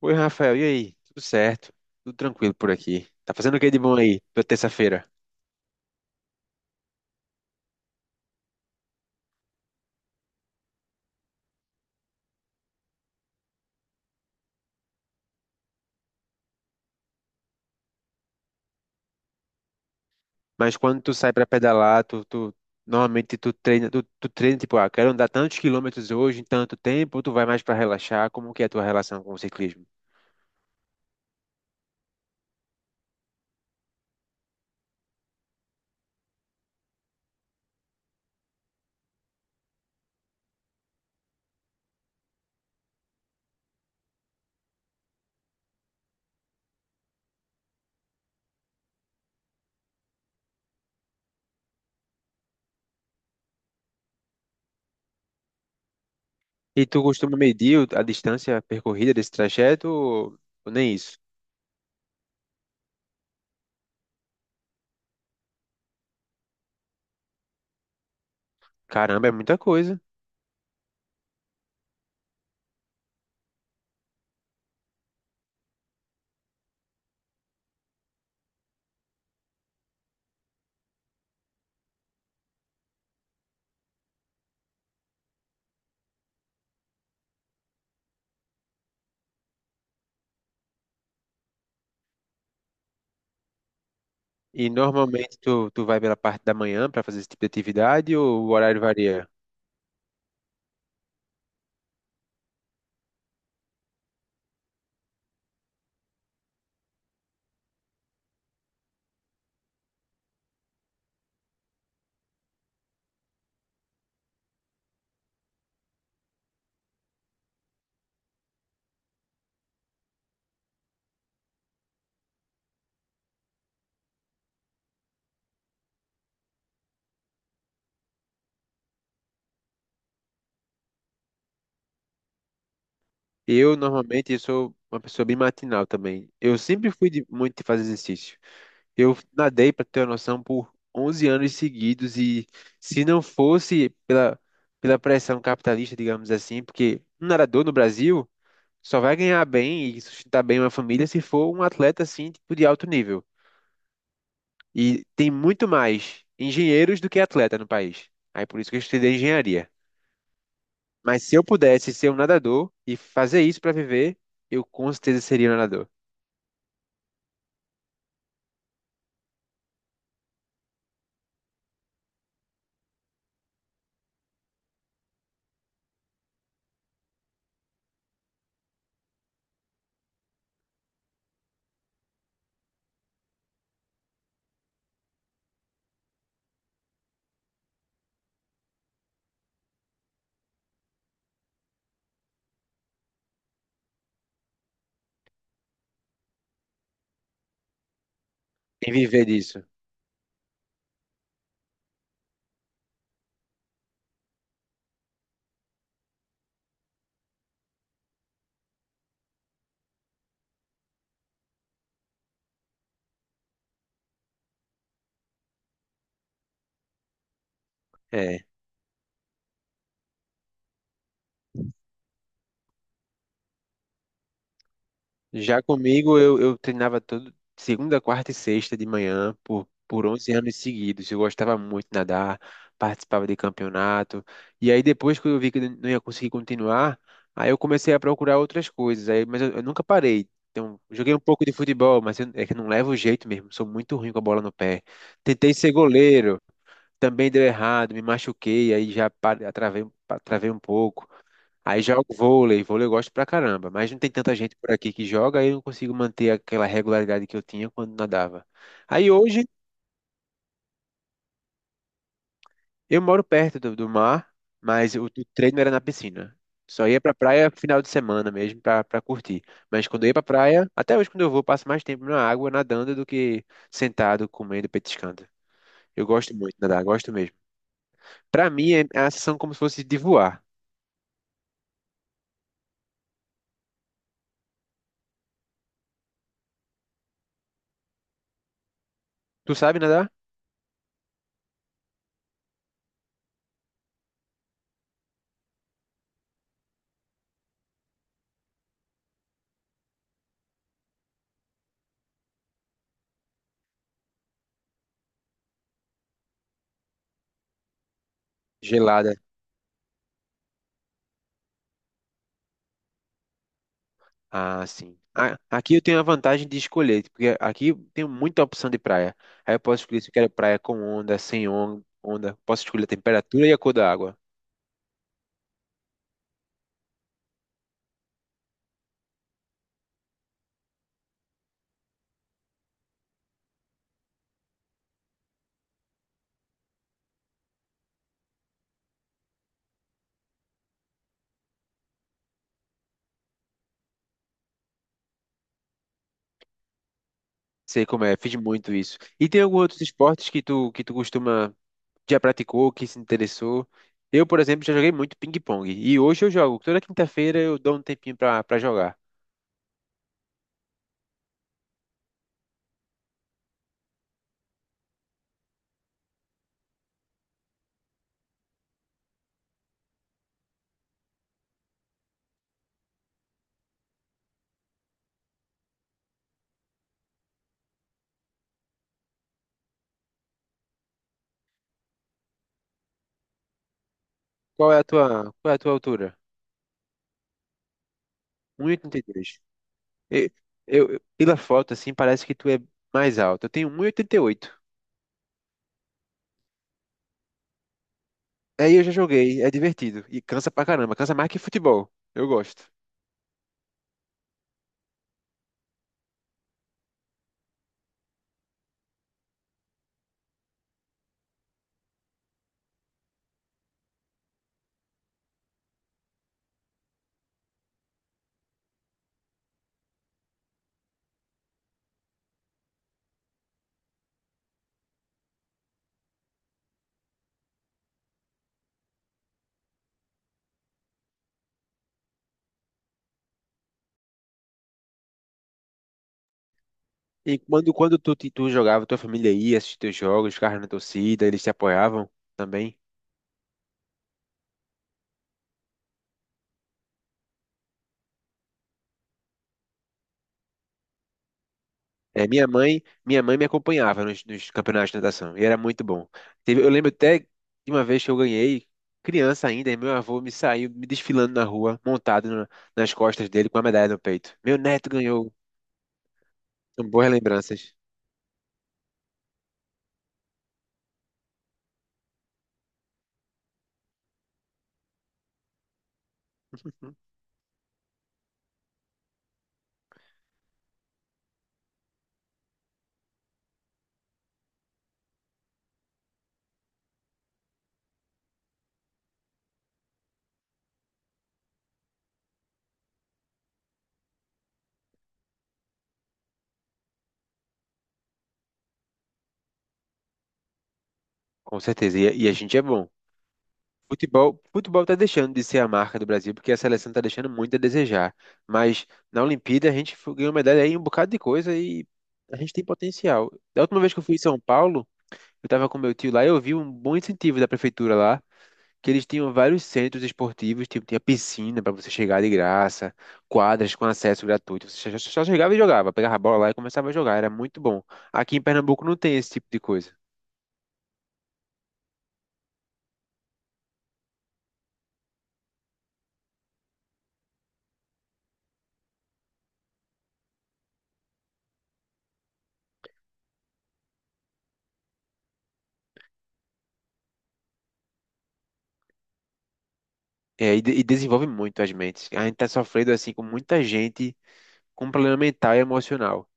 Oi, Rafael, e aí? Tudo certo? Tudo tranquilo por aqui. Tá fazendo o que de bom aí, tua terça-feira? Mas quando tu sai pra pedalar, normalmente tu treina, tu treina tipo, ah, quero andar tantos quilômetros hoje em tanto tempo, ou tu vai mais pra relaxar? Como que é a tua relação com o ciclismo? E tu costuma medir a distância percorrida desse trajeto, ou nem isso? Caramba, é muita coisa. E normalmente tu vai pela parte da manhã pra fazer esse tipo de atividade, ou o horário varia? Eu normalmente sou uma pessoa bem matinal também. Eu sempre fui de, muito de fazer exercício. Eu nadei, para ter uma noção, por 11 anos seguidos, e se não fosse pela pressão capitalista, digamos assim, porque um nadador no Brasil só vai ganhar bem e sustentar bem uma família se for um atleta assim, tipo de alto nível. E tem muito mais engenheiros do que atleta no país. Aí por isso que eu estudei engenharia. Mas se eu pudesse ser um nadador e fazer isso para viver, eu com certeza seria um nadador. E viver disso. É. Já comigo, eu treinava todo segunda, quarta e sexta de manhã por 11 anos seguidos. Eu gostava muito de nadar, participava de campeonato. E aí, depois que eu vi que eu não ia conseguir continuar, aí eu comecei a procurar outras coisas. Aí, mas eu nunca parei. Então, joguei um pouco de futebol, mas é que eu não levo jeito mesmo. Sou muito ruim com a bola no pé. Tentei ser goleiro. Também deu errado, me machuquei, aí já travei, travei um pouco. Aí jogo vôlei, vôlei eu gosto pra caramba, mas não tem tanta gente por aqui que joga, aí eu não consigo manter aquela regularidade que eu tinha quando nadava. Aí hoje eu moro perto do mar, mas o treino era na piscina. Só ia pra praia final de semana mesmo pra curtir. Mas quando eu ia pra praia, até hoje quando eu vou, eu passo mais tempo na água nadando do que sentado, comendo, petiscando. Eu gosto muito de nadar, gosto mesmo. Pra mim é a sensação como se fosse de voar. Tu sabe nadar? Gelada. Ah, sim. Aqui eu tenho a vantagem de escolher, porque aqui tem muita opção de praia. Aí eu posso escolher se eu quero praia com onda, sem on- onda. Posso escolher a temperatura e a cor da água. Sei como é, fiz muito isso. E tem alguns outros esportes que tu costuma, já praticou, que se interessou? Eu, por exemplo, já joguei muito ping-pong. E hoje eu jogo. Toda quinta-feira eu dou um tempinho pra jogar. Qual é a tua altura? Um 1,82. E, pela foto, assim, parece que tu é mais alto. Eu tenho um e oitenta e oito. Aí eu já joguei, é divertido. E cansa pra caramba, cansa mais que futebol. Eu gosto. E quando tu jogava, tua família ia assistir teus jogos, ficava na torcida, eles te apoiavam também. É, minha mãe me acompanhava nos campeonatos de natação, e era muito bom. Eu lembro até de uma vez que eu ganhei, criança ainda, e meu avô me saiu me desfilando na rua, montado nas costas dele com a medalha no peito. Meu neto ganhou. São boas lembranças. Com certeza. E, a gente é bom. Futebol, futebol tá deixando de ser a marca do Brasil, porque a seleção tá deixando muito a desejar. Mas na Olimpíada a gente ganhou medalha aí em um bocado de coisa, e a gente tem potencial. Da última vez que eu fui em São Paulo, eu tava com meu tio lá e eu vi um bom incentivo da prefeitura lá, que eles tinham vários centros esportivos, tipo, tinha piscina para você chegar de graça, quadras com acesso gratuito. Você só chegava e jogava, pegava a bola lá e começava a jogar, era muito bom. Aqui em Pernambuco não tem esse tipo de coisa. E desenvolve muito as mentes. A gente tá sofrendo assim com muita gente com um problema mental e emocional.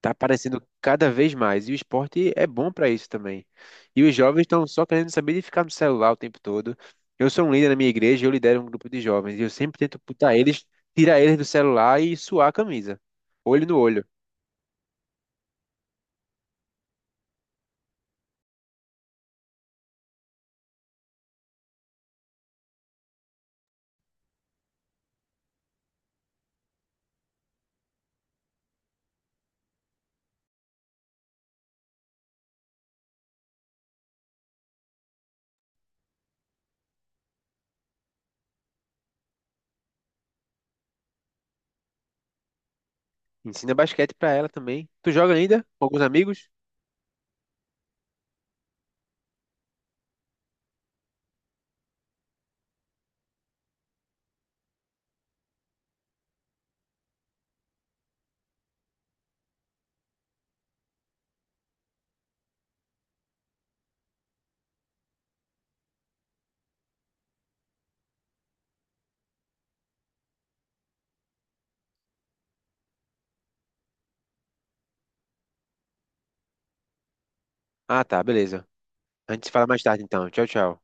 Tá aparecendo cada vez mais. E o esporte é bom para isso também. E os jovens estão só querendo saber de ficar no celular o tempo todo. Eu sou um líder na minha igreja, eu lidero um grupo de jovens. E eu sempre tento putar eles, tirar eles do celular e suar a camisa. Olho no olho. Ensina basquete para ela também. Tu joga ainda? Com alguns amigos? Ah, tá, beleza. A gente se fala mais tarde então. Tchau, tchau.